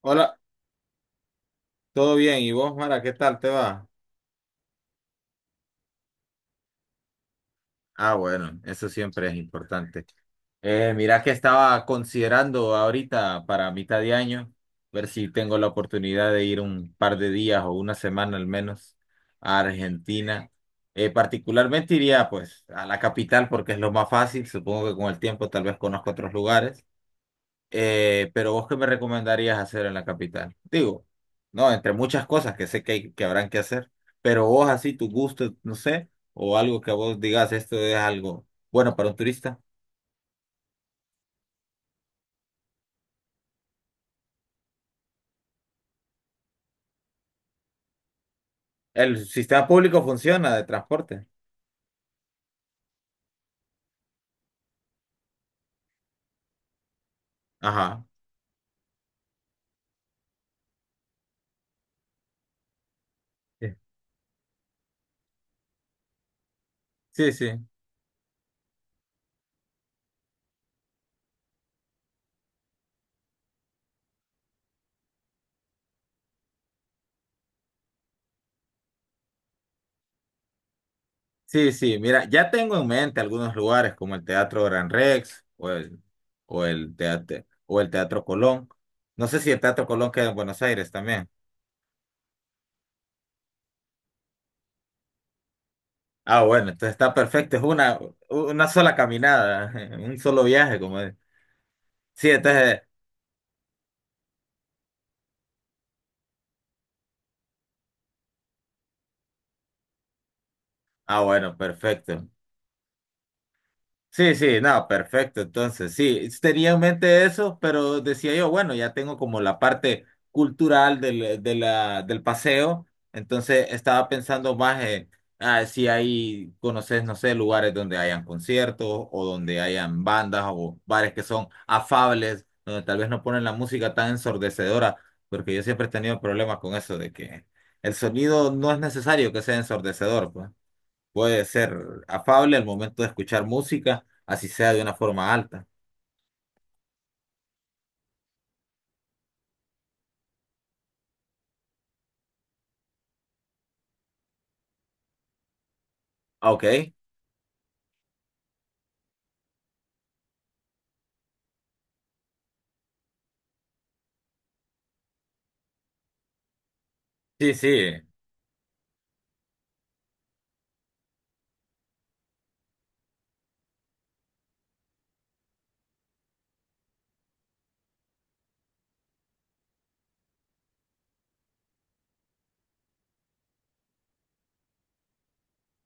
Hola, ¿todo bien? ¿Y vos, Mara, qué tal te va? Ah, bueno, eso siempre es importante. Mira que estaba considerando ahorita para mitad de año, ver si tengo la oportunidad de ir un par de días o una semana al menos a Argentina. Particularmente iría pues a la capital porque es lo más fácil, supongo que con el tiempo tal vez conozco otros lugares. Pero vos, ¿qué me recomendarías hacer en la capital? Digo, no, entre muchas cosas que sé que, que habrán que hacer, pero vos así, tu gusto, no sé, o algo que vos digas, esto es algo bueno para un turista. El sistema público funciona de transporte. Ajá. Sí, sí, sí. Sí, sí, mira, ya tengo en mente algunos lugares como el Teatro Gran Rex o el Teatro Colón. No sé si el Teatro Colón queda en Buenos Aires también. Ah, bueno, entonces está perfecto, una sola caminada, un solo viaje, como es. Sí, entonces, ah, bueno, perfecto. Sí, sí, no, perfecto. Entonces, sí, tenía en mente eso, pero decía yo, bueno, ya tengo como la parte cultural del paseo, entonces estaba pensando más en ah, si hay, conoces, no sé, lugares donde hayan conciertos o donde hayan bandas o bares que son afables, donde tal vez no ponen la música tan ensordecedora, porque yo siempre he tenido problemas con eso de que el sonido no es necesario que sea ensordecedor, pues. Puede ser afable al momento de escuchar música, así sea de una forma alta. Ah, ok. Sí, sí.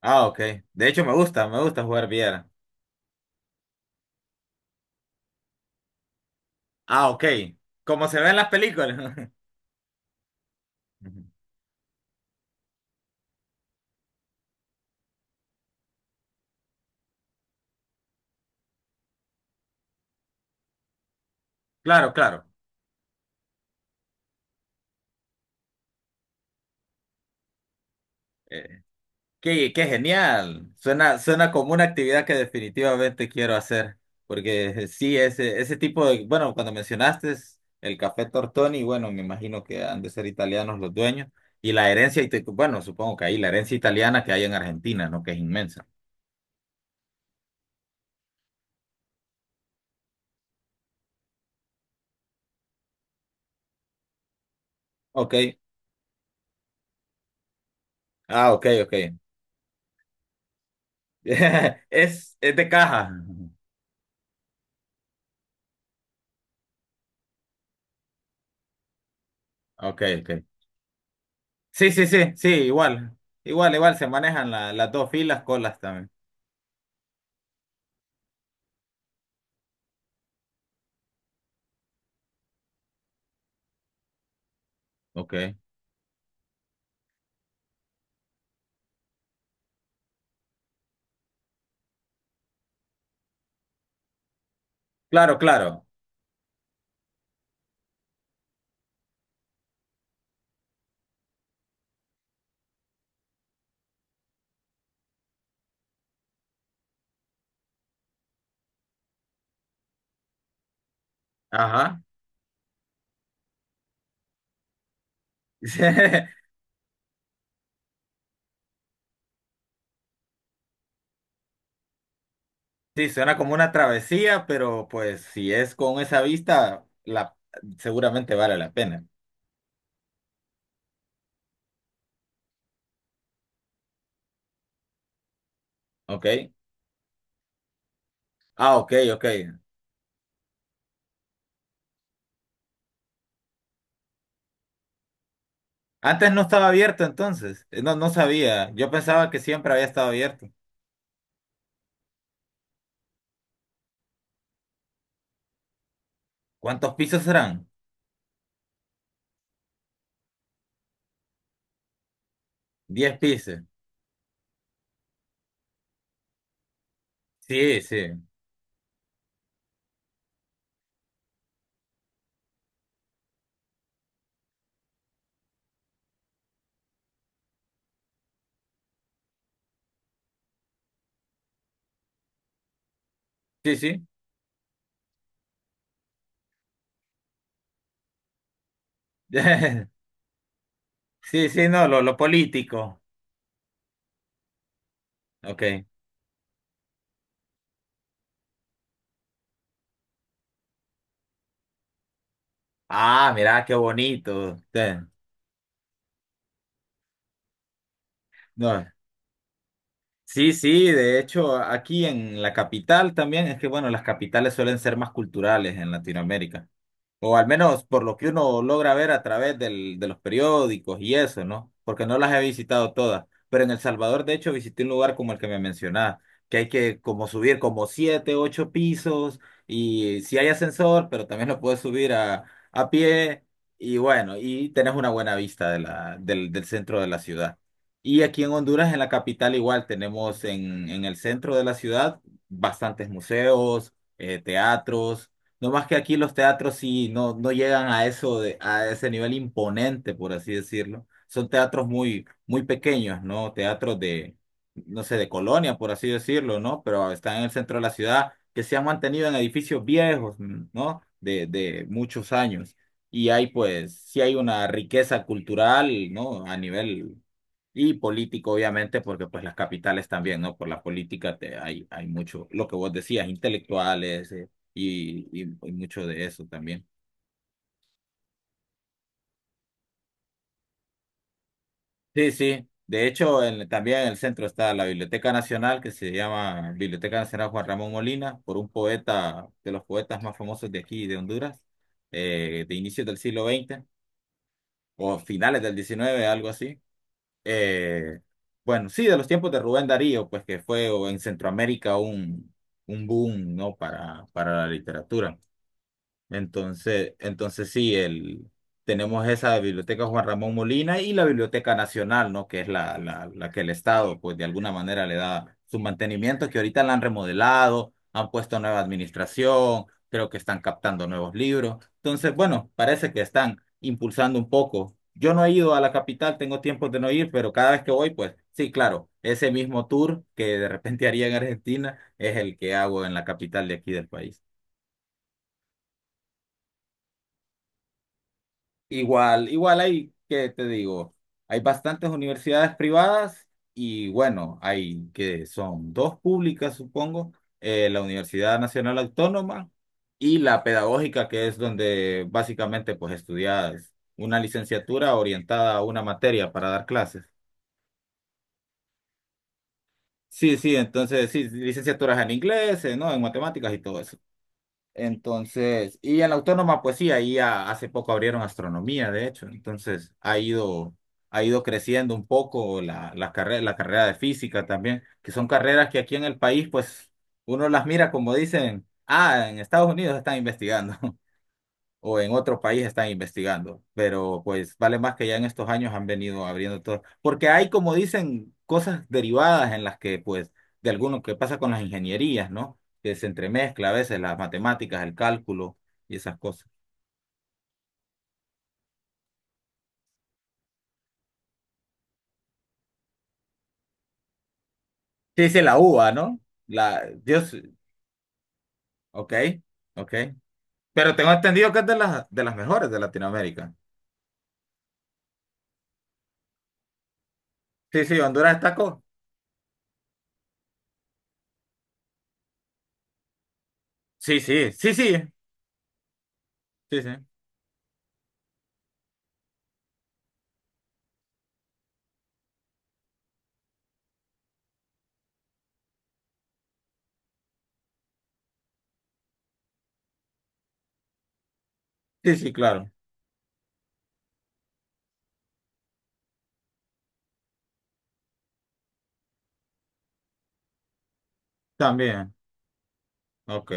Ah, ok. De hecho, me gusta jugar billar. Ah, ok. Como se ve en las películas. Ujú. Claro, claro. Eh, Qué, qué genial. Suena como una actividad que definitivamente quiero hacer, porque sí, ese tipo de, bueno, cuando mencionaste el café Tortoni, bueno, me imagino que han de ser italianos los dueños, y la herencia, bueno, supongo que ahí la herencia italiana que hay en Argentina, ¿no? Que es inmensa. Ok, ah, ok, ok. Es de caja. Ok, ok. Sí, sí, sí, sí, igual, igual, igual, se manejan las dos filas, colas también. Ok. Claro, claro. Ajá. Sí, suena como una travesía, pero pues si es con esa vista, la, seguramente vale la pena. ¿Ok? Ah, ok, ok. Antes no estaba abierto entonces. No, no sabía. Yo pensaba que siempre había estado abierto. ¿Cuántos pisos serán? Diez pisos. Sí, sí. Sí, sí. Sí, sí, no, lo político. Ok. Ah, mira qué bonito. Sí. No. Sí, sí, de hecho, aquí en la capital también, es que bueno, las capitales suelen ser más culturales en Latinoamérica. O al menos por lo que uno logra ver a través de los periódicos y eso, ¿no? Porque no las he visitado todas. Pero en El Salvador, de hecho, visité un lugar como el que me mencionaba, que hay que como subir como siete, ocho pisos, y si hay ascensor, pero también lo puedes subir a pie, y bueno, y tenés una buena vista de del centro de la ciudad. Y aquí en Honduras, en la capital, igual tenemos en el centro de la ciudad bastantes museos, teatros. No más que aquí los teatros sí no, no llegan a eso de, a ese nivel imponente, por así decirlo. Son teatros muy, muy pequeños, ¿no? Teatros de, no sé, de colonia, por así decirlo, ¿no? Pero están en el centro de la ciudad, que se han mantenido en edificios viejos, ¿no? De muchos años. Y hay, pues, sí hay una riqueza cultural, ¿no? A nivel y político, obviamente, porque pues las capitales también, ¿no? Por la política te, hay mucho, lo que vos decías, intelectuales, y mucho de eso también. Sí, sí. De hecho, también en el centro está la Biblioteca Nacional, que se llama Biblioteca Nacional Juan Ramón Molina, por un poeta, de los poetas más famosos de aquí, de Honduras, de inicios del siglo XX o finales del XIX, algo así. Eh, bueno, sí, de los tiempos de Rubén Darío, pues que fue o en Centroamérica un boom, ¿no? Para la literatura. Entonces, entonces sí, el, tenemos esa biblioteca Juan Ramón Molina y la Biblioteca Nacional, ¿no? Que es la que el Estado, pues de alguna manera le da su mantenimiento, que ahorita la han remodelado, han puesto nueva administración, creo que están captando nuevos libros. Entonces, bueno, parece que están impulsando un poco. Yo no he ido a la capital, tengo tiempo de no ir, pero cada vez que voy, pues sí, claro, ese mismo tour que de repente haría en Argentina es el que hago en la capital de aquí del país. Igual, igual hay, ¿que te digo? Hay bastantes universidades privadas y bueno, hay que son dos públicas, supongo, la Universidad Nacional Autónoma y la Pedagógica, que es donde básicamente pues estudias una licenciatura orientada a una materia para dar clases. Sí, sí, entonces sí, licenciaturas en inglés, ¿no? En matemáticas y todo eso. Entonces, y en la autónoma, pues sí, ahí hace poco abrieron astronomía, de hecho. Entonces, ha ido creciendo un poco la carrera de física también, que son carreras que aquí en el país, pues uno las mira como dicen, ah, en Estados Unidos están investigando o en otro país están investigando, pero pues vale más que ya en estos años han venido abriendo todo, porque hay como dicen cosas derivadas en las que pues de alguno que pasa con las ingenierías, ¿no? Que se entremezcla a veces las matemáticas, el cálculo y esas cosas. Sí, dice la uva, ¿no? La Dios, ok, ok. Pero tengo entendido que es de las mejores de Latinoamérica. Sí, sí, Honduras está con. Sí, sí, sí, sí. Sí, sí. Sí, sí, claro. También. Ok.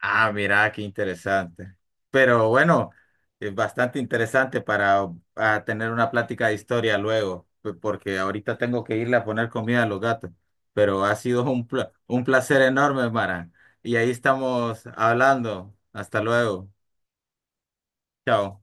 Ah, mira, qué interesante. Pero bueno, es bastante interesante para tener una plática de historia luego, porque ahorita tengo que irle a poner comida a los gatos. Pero ha sido un, un placer enorme, Mara. Y ahí estamos hablando. Hasta luego. Chao.